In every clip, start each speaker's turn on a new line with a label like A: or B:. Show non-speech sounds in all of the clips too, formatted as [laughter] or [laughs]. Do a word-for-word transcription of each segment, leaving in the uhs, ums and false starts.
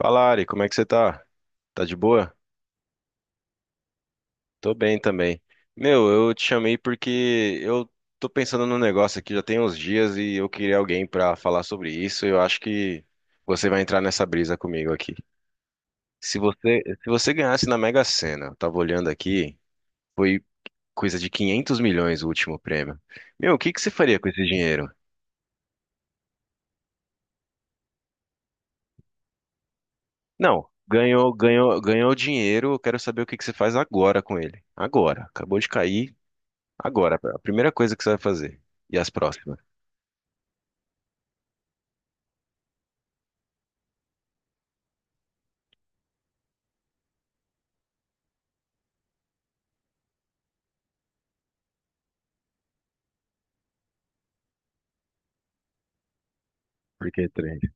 A: Fala, Ari, como é que você tá? Tá de boa? Tô bem também. Meu, eu te chamei porque eu tô pensando num negócio aqui já tem uns dias e eu queria alguém pra falar sobre isso. e Eu acho que você vai entrar nessa brisa comigo aqui. Se você, se você ganhasse na Mega Sena, eu tava olhando aqui, foi coisa de quinhentos milhões o último prêmio. Meu, o que que você faria com esse dinheiro? Não, ganhou, ganhou, ganhou dinheiro, eu quero saber o que que você faz agora com ele. Agora, acabou de cair. Agora, a primeira coisa que você vai fazer. E as próximas? Por que três?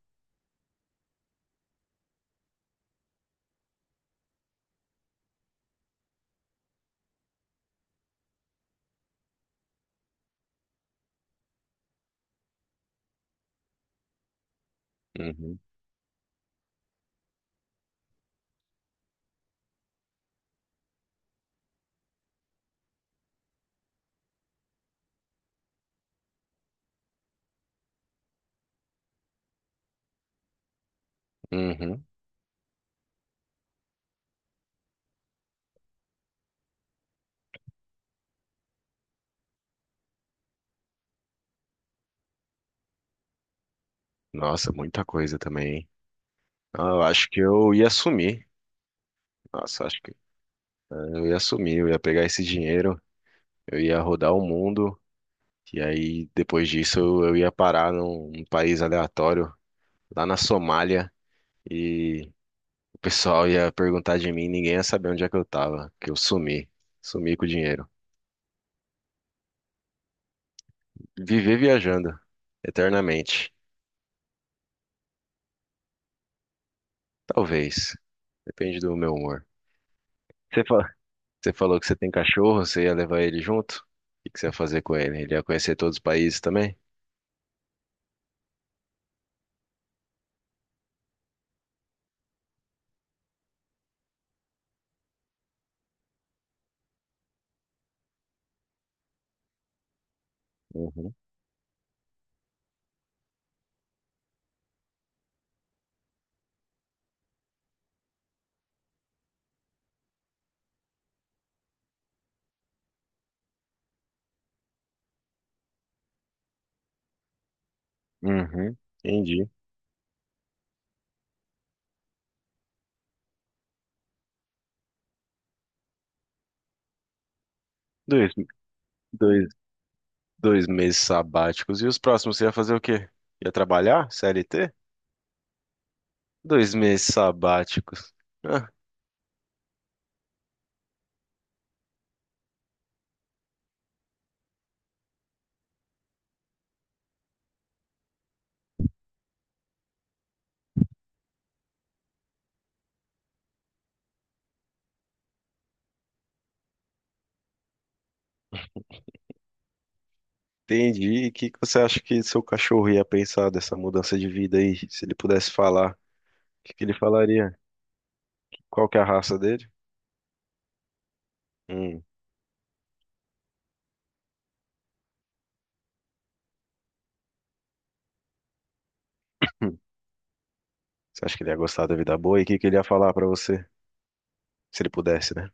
A: Uhum. Uhum. Nossa, muita coisa também, hein? Ah, eu acho que eu ia sumir. Nossa, acho que eu ia sumir, eu ia pegar esse dinheiro, eu ia rodar o mundo, e aí depois disso eu, eu ia parar num, num país aleatório, lá na Somália, e o pessoal ia perguntar de mim, ninguém ia saber onde é que eu tava, que eu sumi, sumi com o dinheiro. Viver viajando eternamente. Talvez. Depende do meu humor. Você fa- você falou que você tem cachorro, você ia levar ele junto? O que que você ia fazer com ele? Ele ia conhecer todos os países também? Uhum. Uhum. Entendi. Dois, dois, dois meses sabáticos. E os próximos você ia fazer o quê? Ia trabalhar? C L T? Dois meses sabáticos. Ah, entendi. E o que que você acha que seu cachorro ia pensar dessa mudança de vida aí? Se ele pudesse falar, o que que ele falaria? Qual que é a raça dele? Hum. Hum. Você acha que ele ia gostar da vida boa? E o que que ele ia falar pra você? Se ele pudesse, né?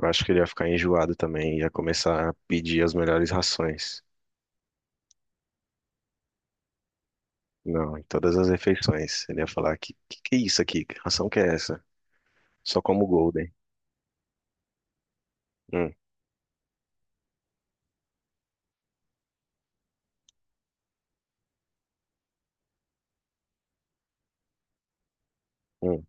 A: Eu acho que ele ia ficar enjoado também, ia começar a pedir as melhores rações. Não, em todas as refeições. Ele ia falar, que que, que é isso aqui? Que ração que é essa? Só como Golden. Hum, hum.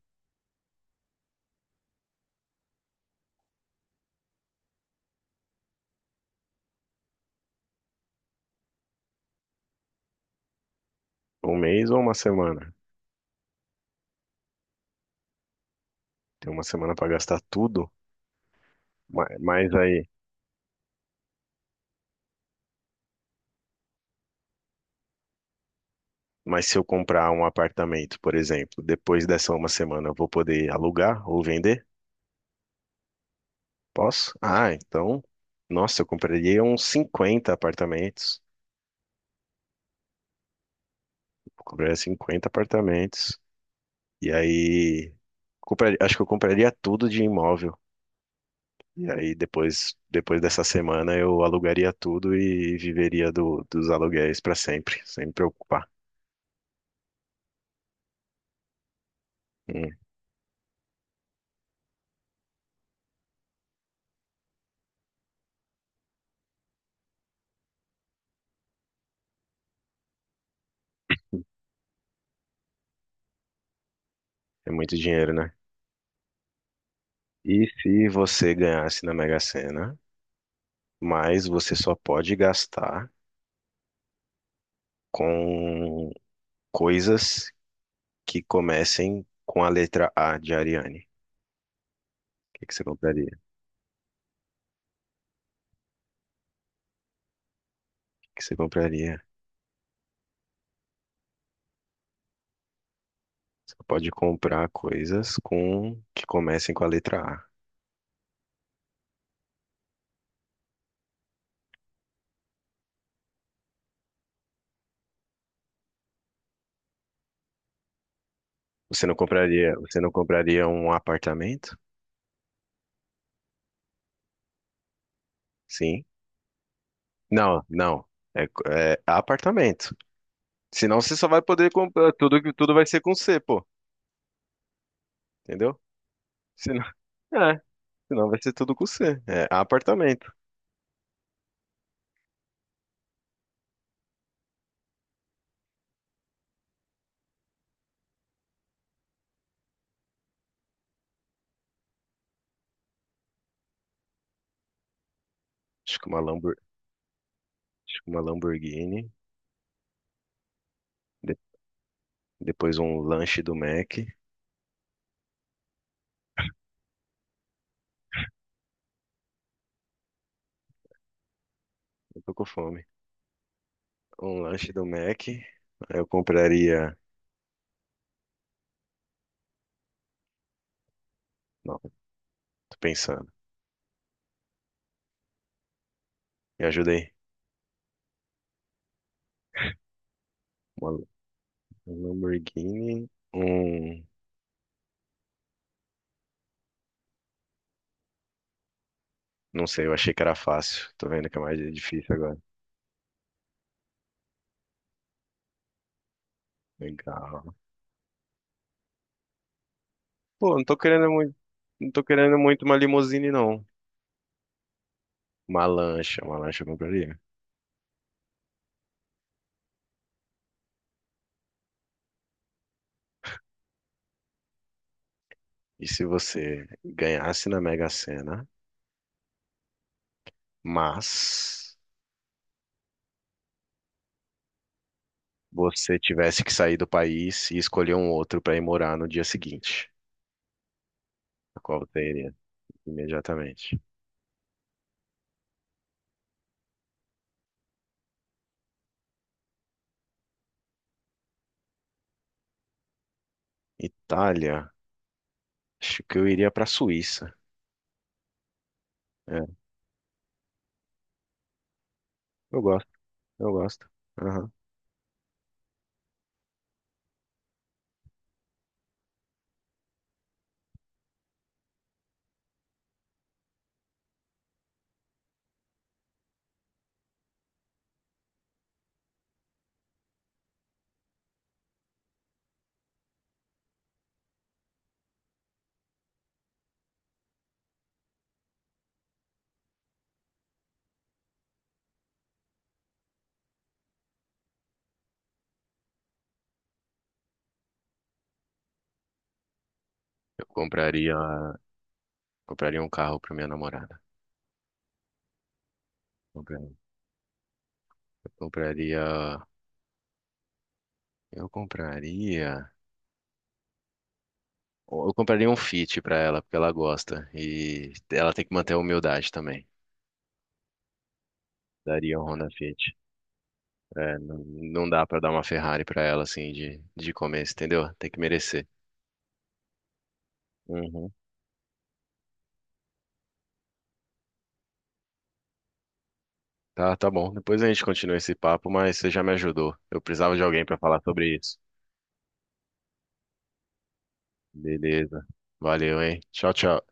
A: Um mês ou uma semana? Tem uma semana pra gastar tudo? Ma- Mas aí, mas se eu comprar um apartamento, por exemplo, depois dessa uma semana, eu vou poder alugar ou vender? Posso? Ah, então, nossa, eu compraria uns cinquenta apartamentos. Eu compraria cinquenta apartamentos. E aí, compraria- acho que eu compraria tudo de imóvel. E aí, depois, depois dessa semana, eu alugaria tudo e viveria do- dos aluguéis para sempre, sem me preocupar. Hum, É muito dinheiro, né? E se você ganhasse na Mega Sena? mas você só pode gastar com coisas que comecem com a letra A de Ariane. O que que você compraria? O que que você compraria? Você pode comprar coisas com que comecem com a letra A. Você não compraria, você não compraria um apartamento? Sim. Não, não. É, é apartamento. Senão você só vai poder comprar tudo, que- tudo vai ser com C, pô. Entendeu? Senão, [laughs] é, senão vai ser tudo com C. É apartamento. Acho que uma Lambor, acho que uma Lamborghini. De- depois um lanche do Mac. Eu tô com fome. Um lanche do Mac. Eu compraria. Não, tô pensando. Me ajudei. Uma um Lamborghini. Um. Não sei, eu achei que era fácil. Tô vendo que é mais difícil agora. Legal. Pô, não tô querendo muito. Não tô querendo muito uma limousine, não. Uma lancha, uma lancha eu compraria. E se você ganhasse na Mega Sena, mas você tivesse que sair do país e escolher um outro pra ir morar no dia seguinte? A qual você iria? Imediatamente. Itália. Acho que eu iria para Suíça. É, eu gosto, eu gosto. Aham. Eu compraria, compraria um carro para minha namorada. Compraria- Eu compraria, eu compraria, eu compraria um Fit para ela, porque ela gosta e ela tem que manter a humildade também. Daria um Honda Fit. É, não, não dá para dar uma Ferrari para ela assim de de começo, entendeu? Tem que merecer. Uhum. Tá, tá bom. Depois a gente continua esse papo, mas você já me ajudou. Eu precisava de alguém pra falar sobre isso. Beleza. Valeu, hein? Tchau, tchau.